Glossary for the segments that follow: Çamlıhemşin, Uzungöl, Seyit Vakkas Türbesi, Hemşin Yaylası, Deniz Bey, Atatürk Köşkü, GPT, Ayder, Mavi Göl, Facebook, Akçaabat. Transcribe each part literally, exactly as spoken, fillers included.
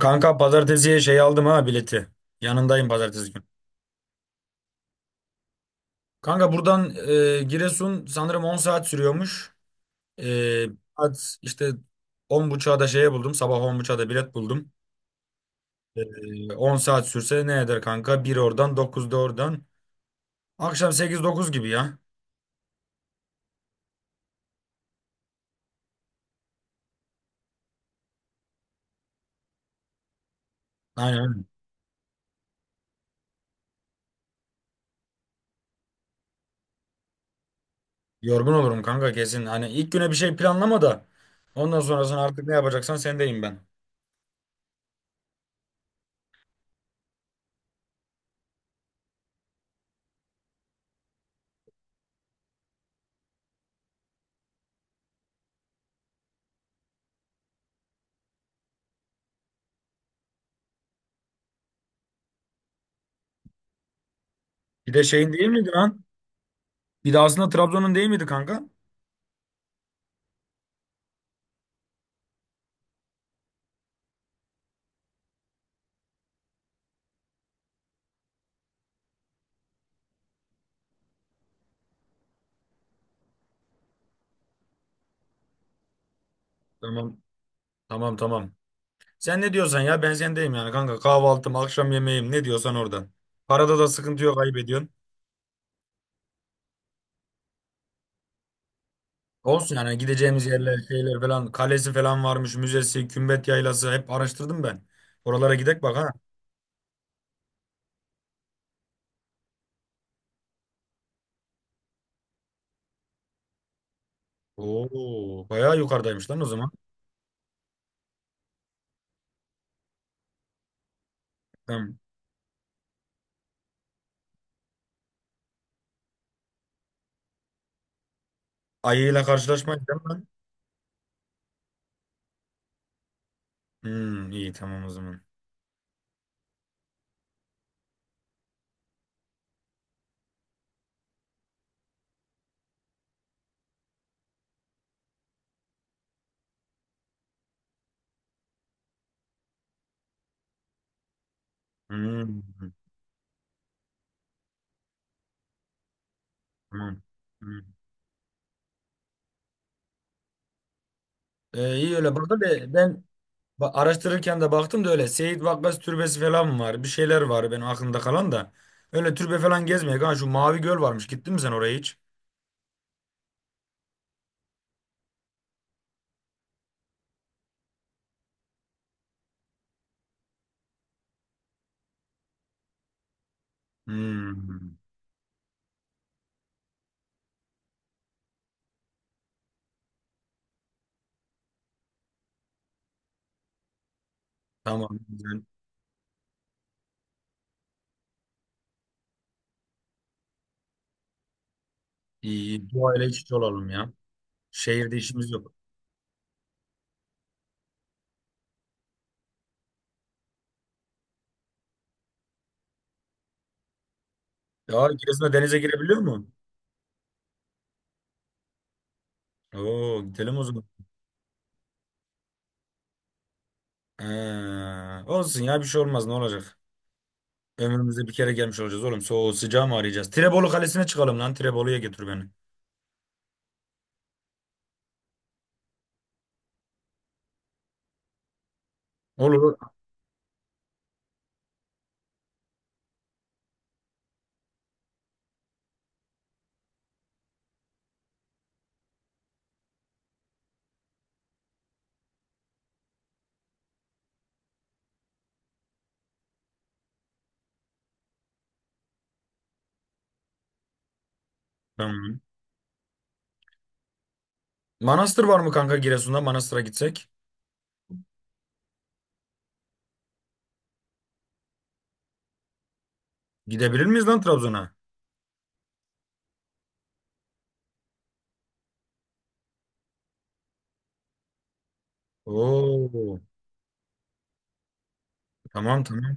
Kanka pazartesiye şey aldım ha bileti. Yanındayım pazartesi gün. Kanka buradan e, Giresun sanırım on saat sürüyormuş. E, saat işte on buçuğa da şeye buldum. Sabah on buçuğa da bilet buldum. E, on saat sürse ne eder kanka? Bir oradan dokuzda oradan. Akşam sekiz dokuz gibi ya. Aynen. Aynen. Yorgun olurum kanka kesin. Hani ilk güne bir şey planlama da. Ondan sonrasını artık ne yapacaksan sendeyim ben. Bir de şeyin değil miydi lan? Bir de aslında Trabzon'un değil miydi kanka? Tamam. Tamam, tamam. Sen ne diyorsan ya ben sendeyim yani kanka. Kahvaltım, akşam yemeğim ne diyorsan oradan. Parada da sıkıntı yok kaybediyorsun. Olsun yani, gideceğimiz yerler, şeyler falan, kalesi falan varmış, müzesi, Kümbet Yaylası hep araştırdım ben. Oralara gidek bak ha. Oo, bayağı yukarıdaymış lan o zaman. Tamam. Ayıyla karşılaşmayız değil mi lan? Hmm, iyi tamam o zaman. Hmm, tamam. Hmm. Ee, iyi öyle burada da ben Ba- araştırırken de baktım da öyle Seyit Vakkas Türbesi falan var. Bir şeyler var benim aklımda kalan da. Öyle türbe falan gezmeye. Ha şu Mavi Göl varmış. Gittin mi sen oraya hiç? Hmm. Tamam. Güzel. İyi, iyi. Doğayla iç içe olalım ya. Şehirde işimiz yok. Ya Giresun'da denize girebiliyor mu? Oo, gidelim o zaman. Ha, olsun ya, bir şey olmaz ne olacak? Ömrümüzde bir kere gelmiş olacağız oğlum. Soğuğu sıcağı mı arayacağız? Tirebolu Kalesi'ne çıkalım lan. Tirebolu'ya getir beni. Olur. Tamam. Manastır var mı kanka Giresun'da? Manastır'a gitsek. Gidebilir miyiz lan Trabzon'a? Oo. Tamam, tamam.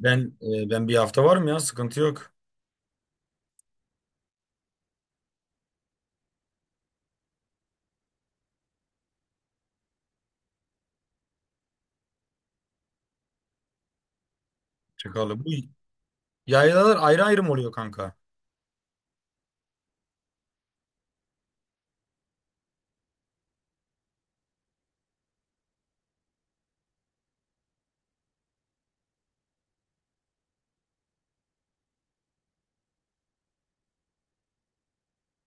Ben e, ben bir hafta varım ya, sıkıntı yok. Çıkalım. Bu yaylalar ayrı ayrı mı oluyor kanka?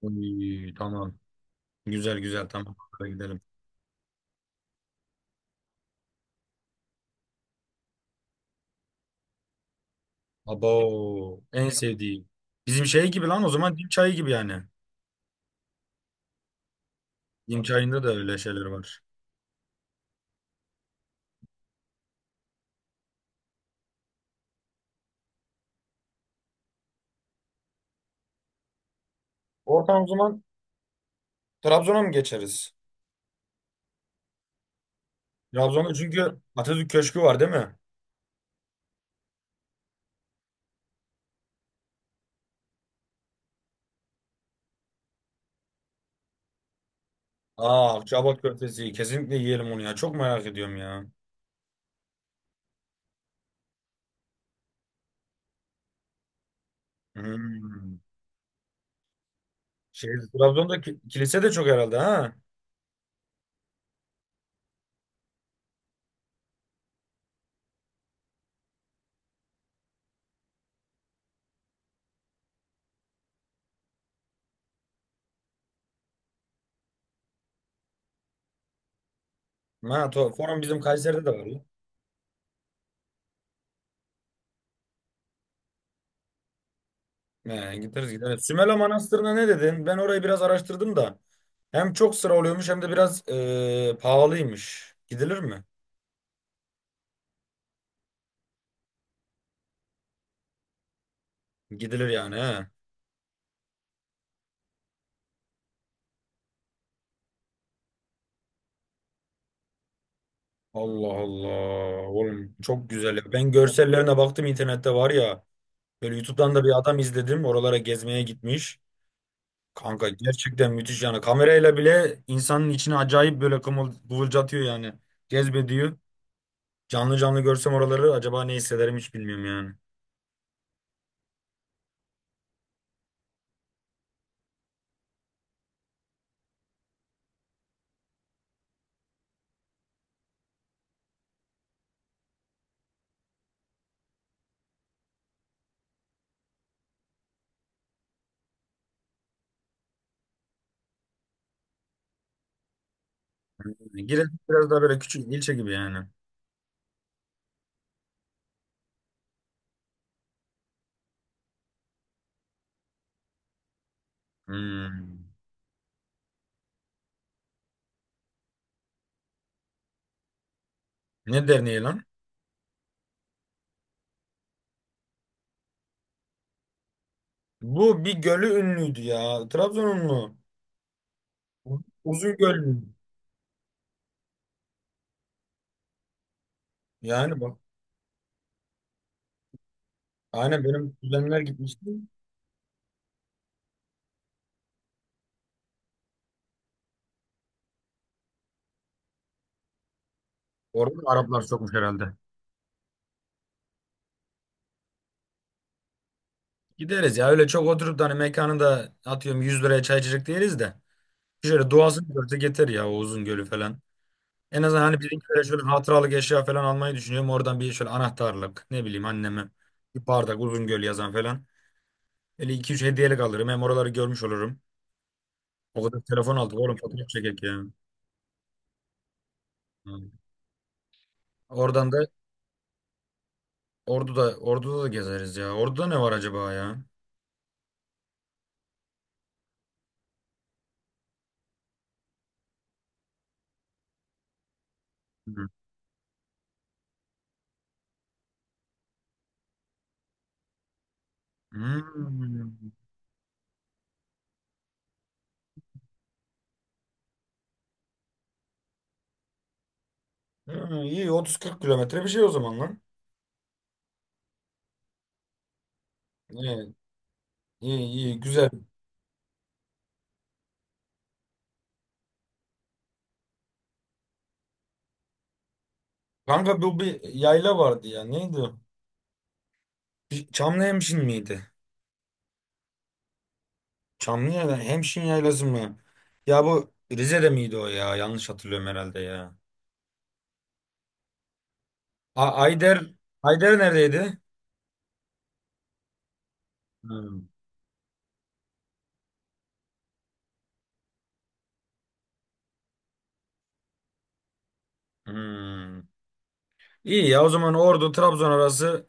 Oy, tamam. Güzel, güzel, tamam. Hadi gidelim. Abo, en sevdiğim. Bizim şey gibi lan o zaman, dim çayı gibi yani. Dim çayında da öyle şeyler var. Oradan o zaman Trabzon'a mı geçeriz? Trabzon'da çünkü Atatürk Köşkü var değil mi? Aa, Akçaabat köftesi. Kesinlikle yiyelim onu ya. Çok merak ediyorum ya. Hmm. Şey, Trabzon'da ki- kilise de çok herhalde ha. Ha, to- forum bizim Kayseri'de de var ya. He, gideriz gideriz. Evet, Sümela Manastırı'na ne dedin? Ben orayı biraz araştırdım da. Hem çok sıra oluyormuş, hem de biraz e, pahalıymış. Gidilir mi? Gidilir yani he. Allah Allah. Oğlum çok güzel ya. Ben görsellerine baktım internette var ya. Böyle YouTube'dan da bir adam izledim. Oralara gezmeye gitmiş. Kanka gerçekten müthiş yani. Kamerayla bile insanın içine acayip böyle kımıl, kıvılcatıyor yani. Cezbediyor. Canlı canlı görsem oraları acaba ne hissederim hiç bilmiyorum yani. Giresun biraz daha böyle küçük bir ilçe gibi yani. Hmm. Ne derneği lan? Bu bir gölü ünlüydü ya. Trabzon'un mu? Uzun göl. Yani bak. Aynen, benim kuzenler gitmişti. Orada da Araplar sokmuş herhalde. Gideriz ya, öyle çok oturup da hani mekanı da atıyorum yüz liraya çay içecek değiliz de. Şöyle doğasını görse yeter ya, o uzun gölü falan. En azından hani bizimkilere şöyle hatıralık eşya falan almayı düşünüyorum. Oradan bir şöyle anahtarlık, ne bileyim, anneme bir bardak Uzungöl yazan falan. Öyle iki üç hediyelik alırım. Hem oraları görmüş olurum. O kadar telefon aldık oğlum, fotoğraf çekek ya. Hı. Oradan da Ordu'da Ordu'da da gezeriz ya. Ordu'da ne var acaba ya? Hı. Hmm. Hı, iyi otuz kırk kilometre bir şey o zaman lan. İyi, iyi, iyi, güzel. Kanka bu bir yayla vardı ya. Neydi o? Bir- Çamlıhemşin miydi? Çamlıca'da Hemşin Yaylası mı? Ya bu Rize'de miydi o ya? Yanlış hatırlıyorum herhalde ya. A- Ayder, Ayder neredeydi? Hmm. Hmm. İyi ya, o zaman Ordu Trabzon arası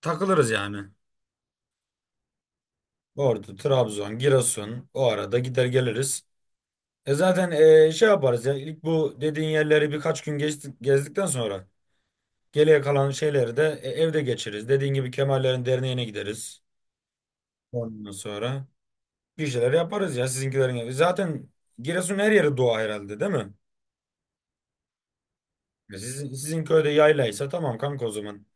takılırız yani. Ordu, Trabzon, Giresun o arada gider geliriz. E zaten e, şey yaparız ya, ilk bu dediğin yerleri birkaç gün geçtik, gezdikten sonra geriye kalan şeyleri de e, evde geçiririz. Dediğin gibi Kemallerin derneğine gideriz. Ondan sonra. Bir şeyler yaparız ya sizinkilerin evi. Zaten Giresun her yeri doğa herhalde değil mi? Ya Sizin, sizin köyde yaylaysa tamam kanka o zaman.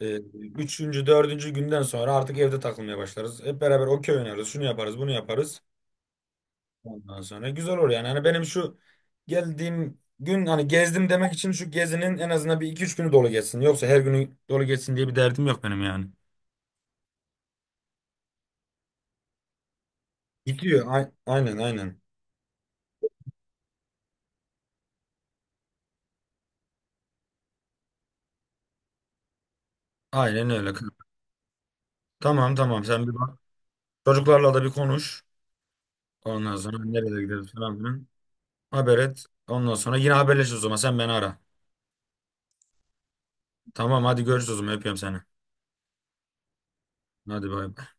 Ee, üçüncü, dördüncü günden sonra artık evde takılmaya başlarız. Hep beraber okey oynarız. Şunu yaparız, bunu yaparız. Ondan sonra güzel olur yani. Hani benim şu geldiğim gün hani gezdim demek için şu gezinin en azından bir iki üç günü dolu geçsin. Yoksa her günü dolu geçsin diye bir derdim yok benim yani. Gidiyor. Ay- aynen, aynen. Aynen öyle. Tamam, tamam, sen bir bak. Çocuklarla da bir konuş. Ondan sonra nereye gideriz falan filan. Haber et. Ondan sonra yine haberleşiriz o zaman. Sen beni ara. Tamam, hadi görüşürüz o zaman. Öpüyorum seni. Hadi bay bay.